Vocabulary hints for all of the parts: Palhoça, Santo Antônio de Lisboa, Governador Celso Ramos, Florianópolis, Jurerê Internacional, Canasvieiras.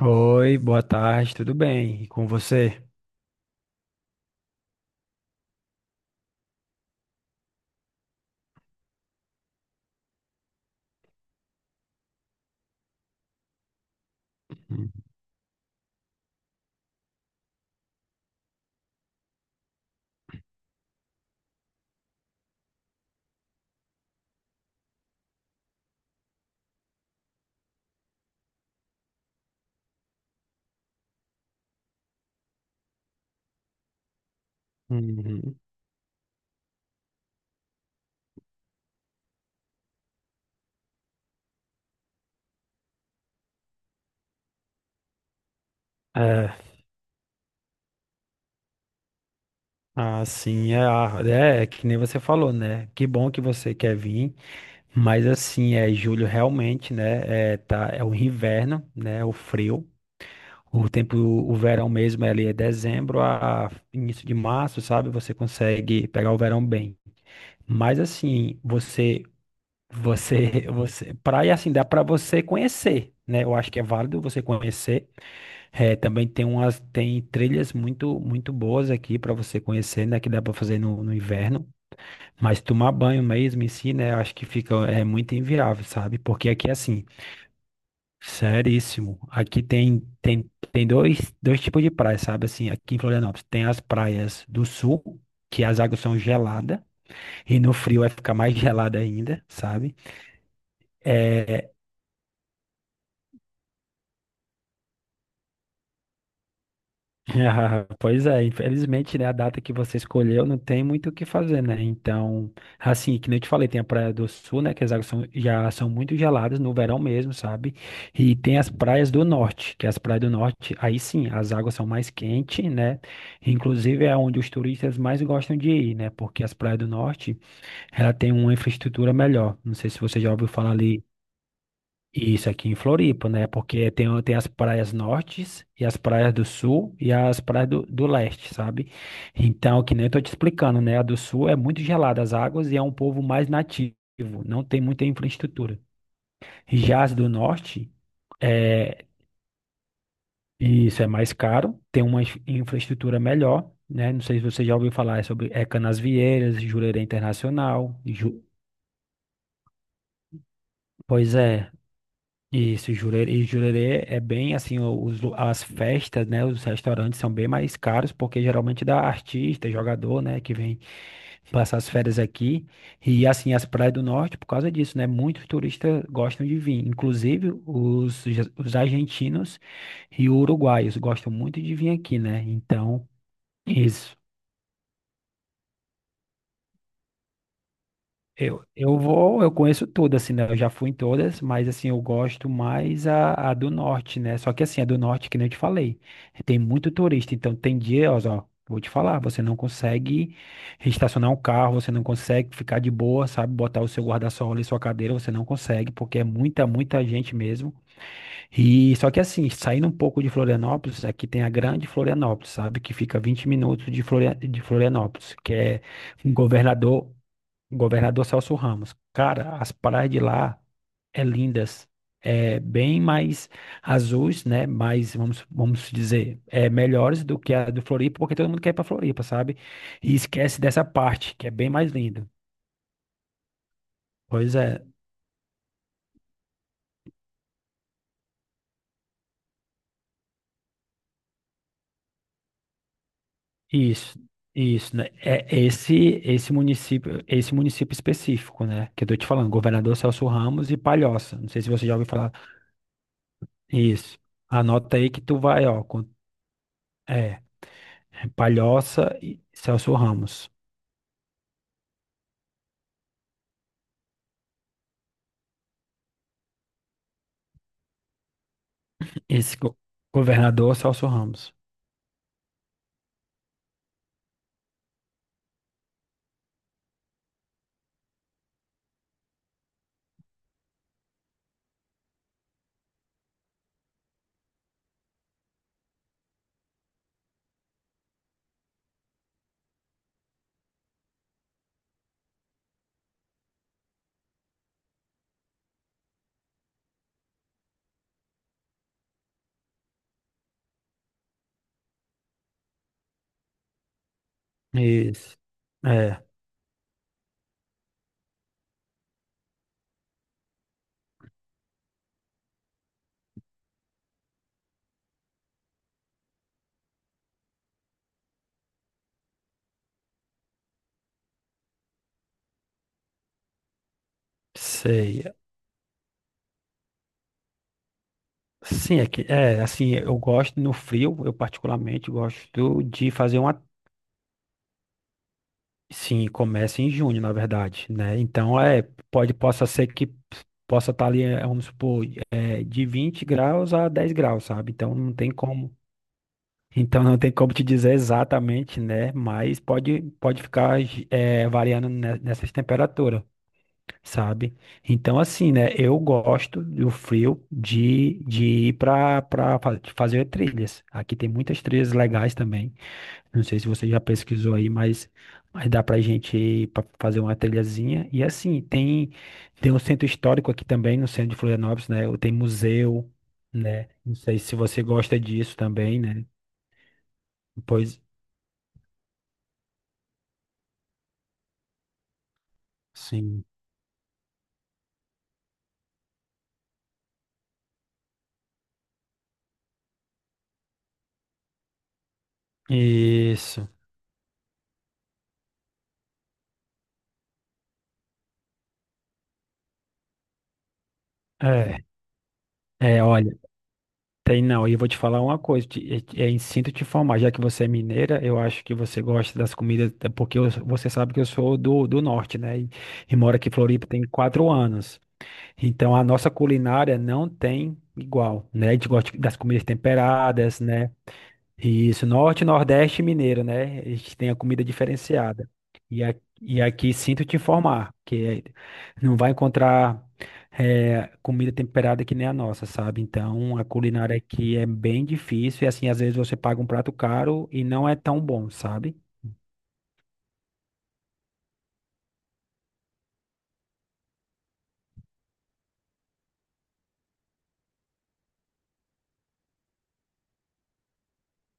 Oi, boa tarde, tudo bem? E com você? Hum. Uhum. É, É que nem você falou, né? Que bom que você quer vir, mas assim, é julho realmente, né? É o inverno, né? O frio. O verão mesmo é ali dezembro a início de março, sabe? Você consegue pegar o verão bem. Mas assim, você, praia assim, dá pra você conhecer, né? Eu acho que é válido você conhecer. É, também tem umas, tem trilhas muito boas aqui para você conhecer, né? Que dá para fazer no inverno. Mas tomar banho mesmo em si, né? Acho que fica é muito inviável, sabe? Porque aqui é assim, seríssimo. Aqui tem dois tipos de praia, sabe? Assim, aqui em Florianópolis tem as praias do sul, que as águas são geladas e no frio vai ficar mais gelada ainda, sabe? É, ah, pois é, infelizmente, né, a data que você escolheu não tem muito o que fazer, né? Então, assim, que nem eu te falei, tem a Praia do Sul, né, que as águas já são muito geladas no verão mesmo, sabe? E tem as praias do norte, que as praias do norte, aí sim, as águas são mais quentes, né? Inclusive é onde os turistas mais gostam de ir, né? Porque as praias do norte, ela tem uma infraestrutura melhor. Não sei se você já ouviu falar ali isso aqui em Floripa, né? Porque tem as praias nortes e as praias do sul e as praias do leste, sabe? Então, que nem eu tô te explicando, né? A do sul é muito gelada as águas e é um povo mais nativo, não tem muita infraestrutura. Já as do norte, é, isso é mais caro, tem uma infraestrutura melhor, né? Não sei se você já ouviu falar sobre Canasvieiras, Jurerê Internacional. Pois é. Isso, Jurerê, e Jurerê é bem assim, as festas, né, os restaurantes são bem mais caros, porque geralmente dá artista, jogador, né, que vem passar as férias aqui, e assim, as praias do norte, por causa disso, né, muitos turistas gostam de vir, inclusive os argentinos e uruguaios gostam muito de vir aqui, né, então, isso. Eu conheço todas, assim, né? Eu já fui em todas, mas assim, eu gosto mais a do norte, né? Só que assim, a do norte, que nem eu te falei, tem muito turista, então tem dias, ó, vou te falar, você não consegue estacionar um carro, você não consegue ficar de boa, sabe? Botar o seu guarda-sol ali, sua cadeira, você não consegue, porque é muita gente mesmo. E só que assim, saindo um pouco de Florianópolis, aqui tem a Grande Florianópolis, sabe? Que fica 20 minutos de Florianópolis, que é um Governador Celso Ramos. Cara, as praias de lá é lindas. É bem mais azuis, né? Mais, vamos dizer, é melhores do que a do Floripa, porque todo mundo quer ir pra Floripa, sabe? E esquece dessa parte, que é bem mais lindo. Pois é, isso, isso, né? Esse município específico, né? Que eu tô te falando, Governador Celso Ramos e Palhoça. Não sei se você já ouviu falar. Isso. Anota aí que tu vai, ó. É, Palhoça e Celso Ramos. Esse governador é Celso Ramos. Isso. É, sei. Sim, assim, eu gosto no frio, eu particularmente gosto de fazer uma. Sim, começa em junho, na verdade, né? Então, é, possa ser que possa estar ali, é, vamos supor, é, de 20 graus a 10 graus, sabe? Então, não tem como. Então, não tem como te dizer exatamente, né? Mas pode ficar, é, variando nessas temperaturas. Sabe? Então, assim, né? Eu gosto do frio de ir para fazer trilhas. Aqui tem muitas trilhas legais também. Não sei se você já pesquisou aí, mas dá pra gente ir para fazer uma trilhazinha. E assim, tem, tem um centro histórico aqui também, no centro de Florianópolis, né? Tem museu, né? Não sei se você gosta disso também, né? Pois. Sim. Isso. É, olha. Tem não, e eu vou te falar uma coisa, é, é instinto te formar. Já que você é mineira, eu acho que você gosta das comidas, até porque você sabe que eu sou do norte, né? E moro aqui em Floripa tem 4 anos. Então a nossa culinária não tem igual, né? A gente gosta das comidas temperadas, né? Isso, norte, nordeste e mineiro, né? A gente tem a comida diferenciada. E, a- e aqui sinto te informar, que não vai encontrar eh, comida temperada que nem a nossa, sabe? Então a culinária aqui é bem difícil e assim, às vezes você paga um prato caro e não é tão bom, sabe?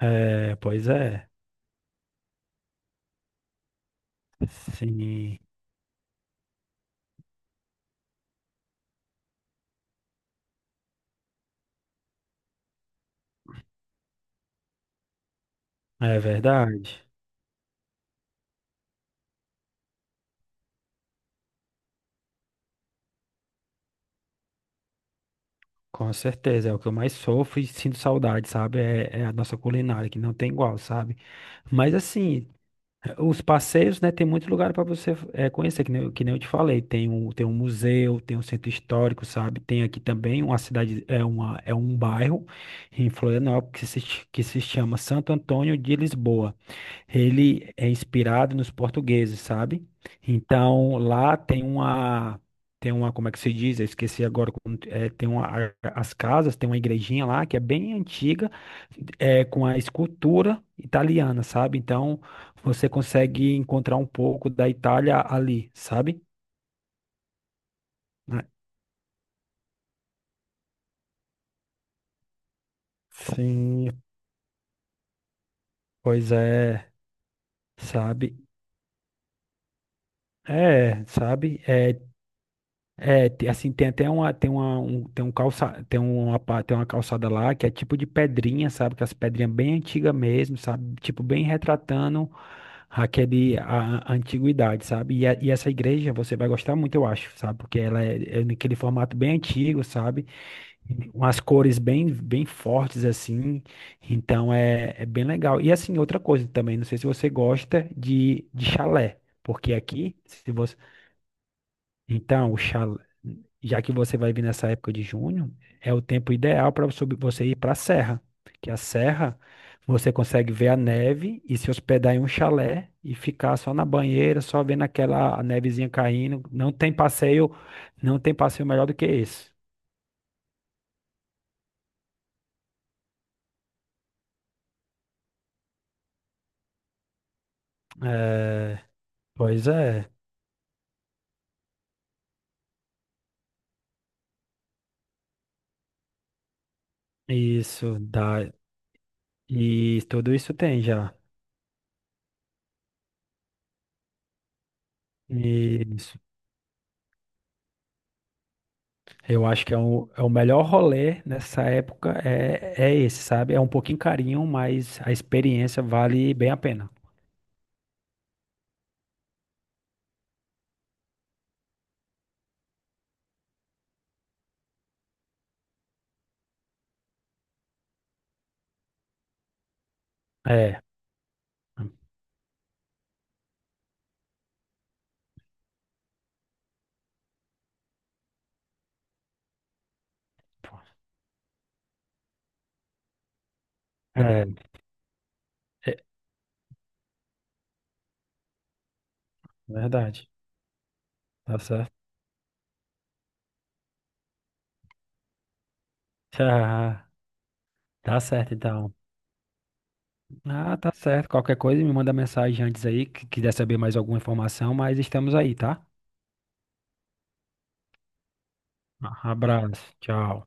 É, pois é. Sim, é verdade. Com certeza, é o que eu mais sofro e sinto saudade, sabe? É, é a nossa culinária, que não tem igual, sabe? Mas assim, os passeios, né, tem muito lugar para você eh, conhecer, que nem, que nem eu te falei. Tem um museu, tem um centro histórico, sabe? Tem aqui também uma cidade, é um bairro em Florianópolis que se, ch- que se chama Santo Antônio de Lisboa. Ele é inspirado nos portugueses, sabe? Então, lá tem uma, como é que se diz? Eu esqueci agora, as casas, tem uma igrejinha lá que é bem antiga, é, com a escultura italiana, sabe? Então, você consegue encontrar um pouco da Itália ali, sabe? Né? Então, sim, pois é, sabe? É, sabe? É, assim, tem até uma, tem uma, um, tem um calça, tem uma, pa- tem uma calçada lá que é tipo de pedrinha, sabe? Que é as pedrinhas bem antigas mesmo, sabe? Tipo, bem retratando a antiguidade, sabe? E essa igreja você vai gostar muito, eu acho, sabe? Porque é naquele formato bem antigo, sabe? Umas cores bem fortes, assim. Então, é, é bem legal. E assim, outra coisa também, não sei se você gosta de chalé, porque aqui, se você então, o chalé, já que você vai vir nessa época de junho, é o tempo ideal para você ir para a serra, que a serra você consegue ver a neve e se hospedar em um chalé e ficar só na banheira, só vendo aquela nevezinha caindo. Não tem passeio melhor do que esse. É, pois é, isso dá e tudo isso tem já. Eu acho que é o melhor rolê nessa época é esse, sabe? É um pouquinho carinho, mas a experiência vale bem a pena. É, é, é verdade. Tá certo. Ah, tá certo, então. Ah, tá certo. Qualquer coisa, me manda mensagem antes aí, que quiser saber mais alguma informação, mas estamos aí, tá? Abraço. Tchau.